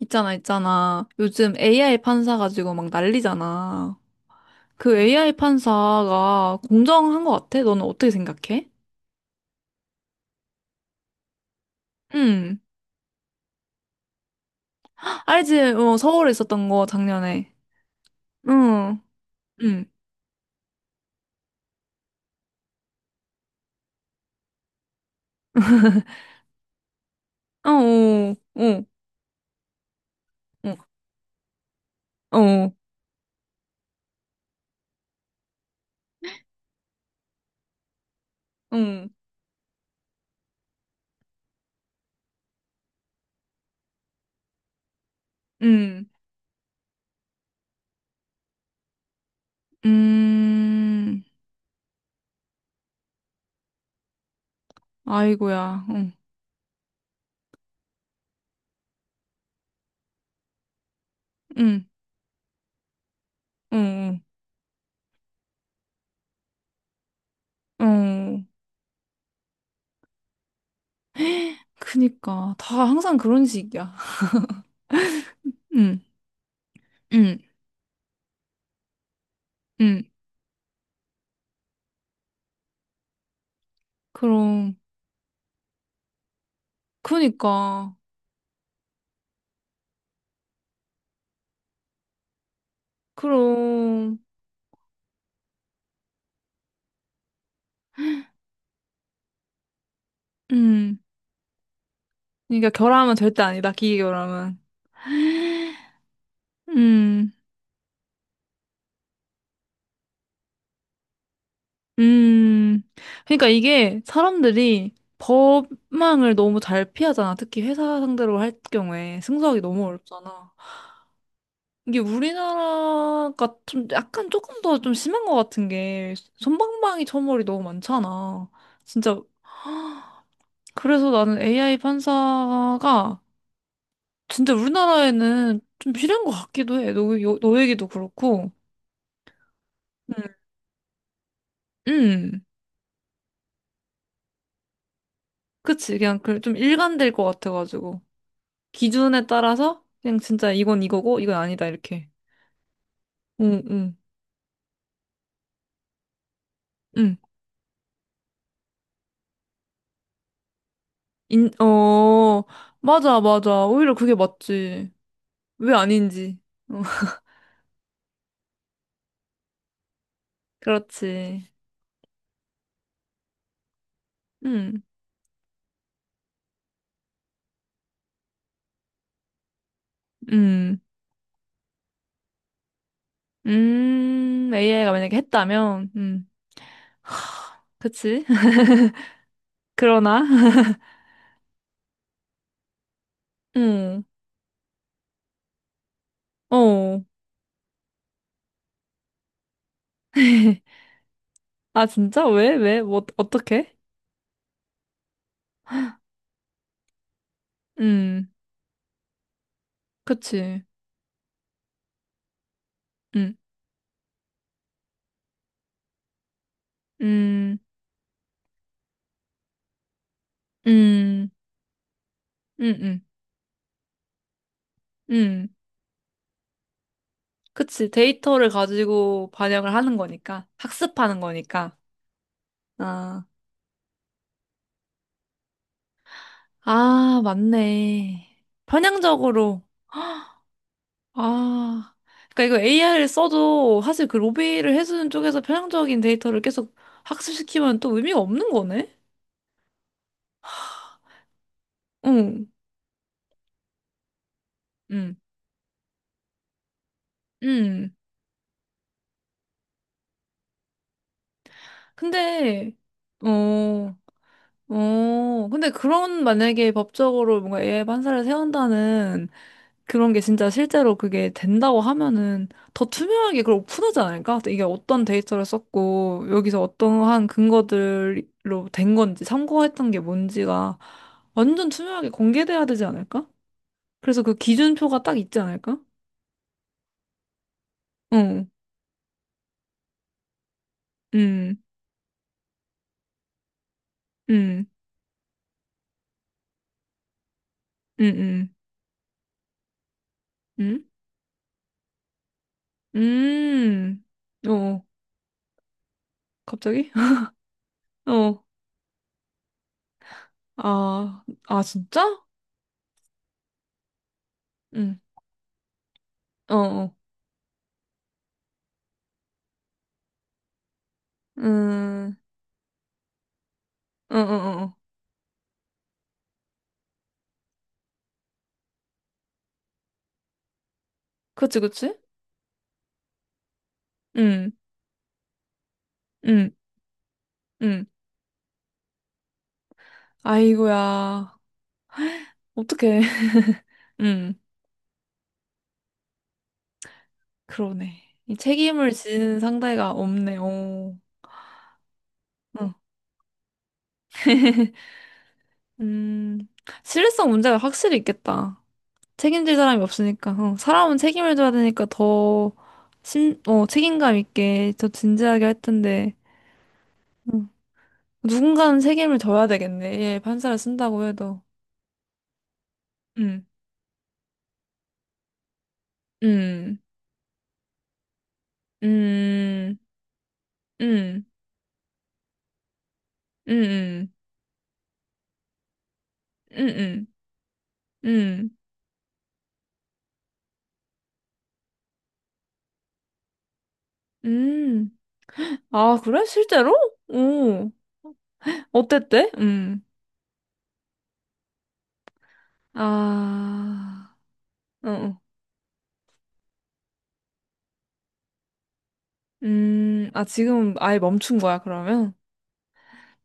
있잖아, 있잖아. 요즘 AI 판사 가지고 막 난리잖아. 그 AI 판사가 공정한 것 같아? 너는 어떻게 생각해? 응. 알지? 어, 서울에 있었던 거 작년에. 응. 응. 어, 어, 어, 어, 어, 응, 응, 음, 아이고야, 응, 응, 응, 응, 응. 그니까, 다 항상 그런 식이야. 응, 응, 응. 그럼, 그니까. 그럼, 음. 그러니까 결함은 절대 아니다, 기계 결함은. 음, 음. 그러니까 이게 사람들이 법망을 너무 잘 피하잖아. 특히 회사 상대로 할 경우에 승소하기 너무 어렵잖아. 이게 우리나라가 좀 약간 조금 더 좀 심한 것 같은 게 손방망이 처벌이 너무 많잖아. 진짜. 그래서 나는 AI 판사가 진짜 우리나라에는 좀 필요한 것 같기도 해. 너, 너 얘기도 그렇고. 음, 그치. 그냥 그 좀 일관될 것 같아가지고. 기준에 따라서 그냥 진짜 이건 이거고 이건 아니다 이렇게. 응, 응, 응. 어, 맞아, 맞아. 오히려 그게 맞지. 왜 아닌지. 어, 그렇지. 응, 응. AI가 만약에 했다면, 그치. 그러나, 응, 어. 아, 진짜? 왜? 왜? 뭐, 어떻게? 음, 그치. 음, 음. 음, 응, 응, 응. 그치. 데이터를 가지고 반영을 하는 거니까. 학습하는 거니까. 아, 아, 맞네. 편향적으로. 아, 그러니까 이거 AI를 써도 사실 그 로비를 해주는 쪽에서 편향적인 데이터를 계속 학습시키면 또 의미가 없는 거네? 응, 응, 응. 근데, 어, 어, 근데 그런 만약에 법적으로 뭔가 AI 판사를 세운다는 그런 게 진짜 실제로 그게 된다고 하면은 더 투명하게 그걸 오픈하지 않을까? 이게 어떤 데이터를 썼고 여기서 어떠한 근거들로 된 건지 참고했던 게 뭔지가 완전 투명하게 공개돼야 되지 않을까? 그래서 그 기준표가 딱 있지 않을까? 어, 음, 음, 음, 음, 어, 갑자기? 어, 아, 아, 진짜? 응, 어, 어, 음, 어, 어, 어, 어. 그치, 그치? 응, 응, 응. 아이고야. 어떡해. 응, 그러네. 이 책임을 지는 상대가 없네. 오. 응. 음, 신뢰성 문제가 확실히 있겠다. 책임질 사람이 없으니까. 어, 사람은 책임을 져야 되니까 더 어, 책임감 있게 더 진지하게 할 텐데. 응. 누군가는 책임을 져야 되겠네. 예, 판사를 쓴다고 해도. 음, 음, 음, 음, 음, 음, 음, 음, 음. 음. 아, 그래? 실제로? 오, 어땠대? 음. 아, 어, 어. 아, 지금 아예 멈춘 거야, 그러면?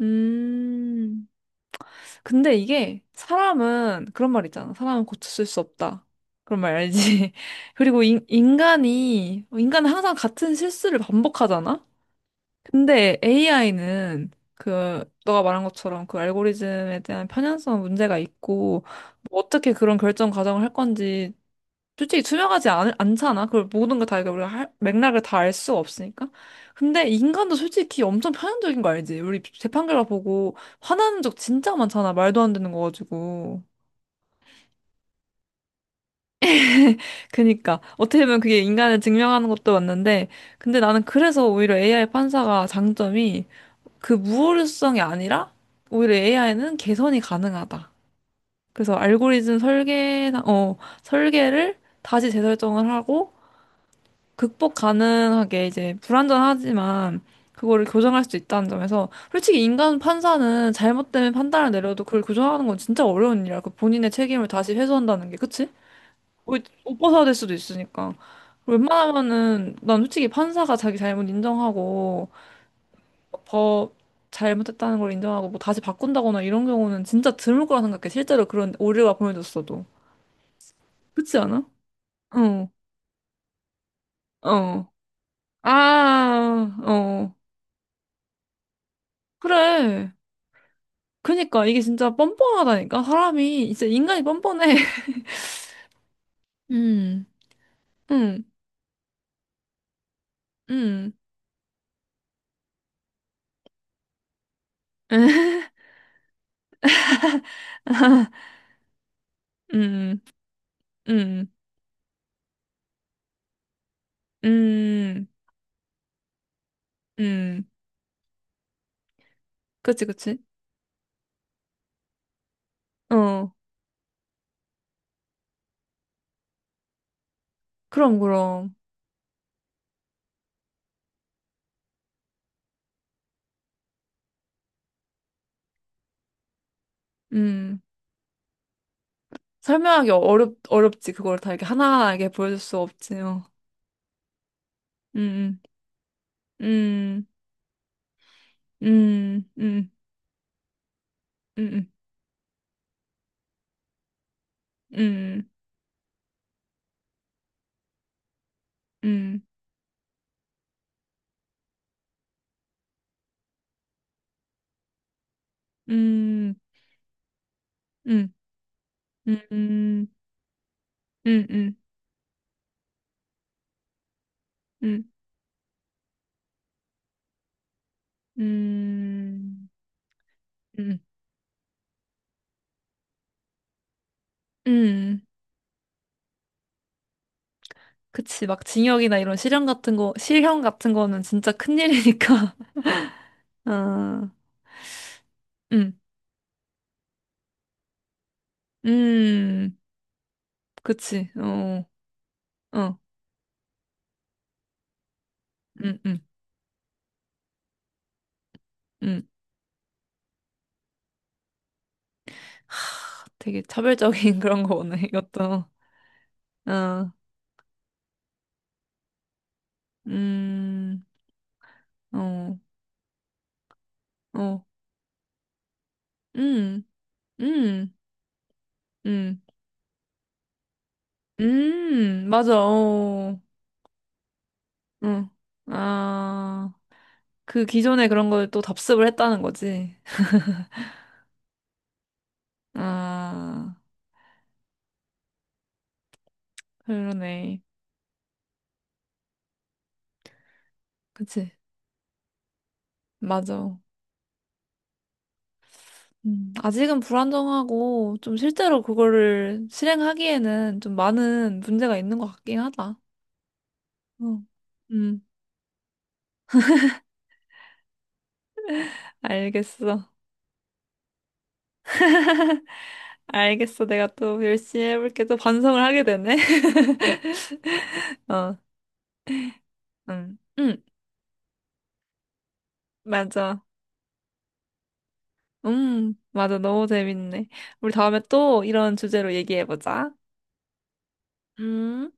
음. 근데 이게 사람은 그런 말 있잖아. 사람은 고칠 수 없다. 그런 말 알지? 그리고 인간은 항상 같은 실수를 반복하잖아? 근데 AI는 그, 너가 말한 것처럼 그 알고리즘에 대한 편향성 문제가 있고, 뭐 어떻게 그런 결정 과정을 할 건지 솔직히 않잖아. 그걸 모든 걸 다, 이거 맥락을 다 알 수 없으니까. 근데 인간도 솔직히 엄청 편향적인 거 알지? 우리 재판결과 보고 화나는 적 진짜 많잖아. 말도 안 되는 거 가지고. 그니까. 어떻게 보면 그게 인간을 증명하는 것도 맞는데, 근데 나는 그래서 오히려 AI 판사가 장점이 그 무오류성이 아니라 오히려 AI는 개선이 가능하다. 그래서 알고리즘 설계나, 어, 설계를 다시 재설정을 하고, 극복 가능하게 이제 불완전하지만 그거를 교정할 수 있다는 점에서 솔직히 인간 판사는 잘못 때문에 판단을 내려도 그걸 교정하는 건 진짜 어려운 일이야. 그 본인의 책임을 다시 회수한다는 게 그치? 옷 벗어야 될 수도 있으니까. 웬만하면은 난 솔직히 판사가 자기 잘못 인정하고 법 잘못했다는 걸 인정하고 뭐 다시 바꾼다거나 이런 경우는 진짜 드물 거라 생각해. 실제로 그런 오류가 보여졌어도. 그렇지 않아? 어, 어. 아, 어. 그래. 그니까 이게 진짜 뻔뻔하다니까 사람이 진짜 인간이 뻔뻔해. 음, 음, 음, 음, 음, 음, 음. 그치, 그치. 어, 그럼, 그럼. 음, 어렵지. 그걸 다 이렇게 하나하나 이렇게 보여줄 수 없지. 어. 음, 음, 음, 음, 음, 음, 음, 음, 음, 음, 음, 음, 음, 음, 음, 음, 음, 음, 그치, 막 징역이나 이런 실형 같은 거, 실형 같은 거는 진짜 큰일이니까. 아, 음, 음, 그치, 어, 어, 음, 음, 음. 하, 되게 차별적인 그런 거 오네, 이것도. 어, 음, 어, 어, 음, 음, 음, 맞아, 어, 응. 아, 그 기존에 그런 걸 또 답습을 했다는 거지. 아, 그러네. 그치, 맞아. 아직은 불안정하고 좀 실제로 그거를 실행하기에는 좀 많은 문제가 있는 것 같긴 하다. 어. 음, 알겠어. 알겠어. 내가 또 열심히 해볼게. 또 반성을 하게 되네. 어, 음, 음, 맞아. 맞아. 너무 재밌네. 우리 다음에 또 이런 주제로 얘기해보자. 음.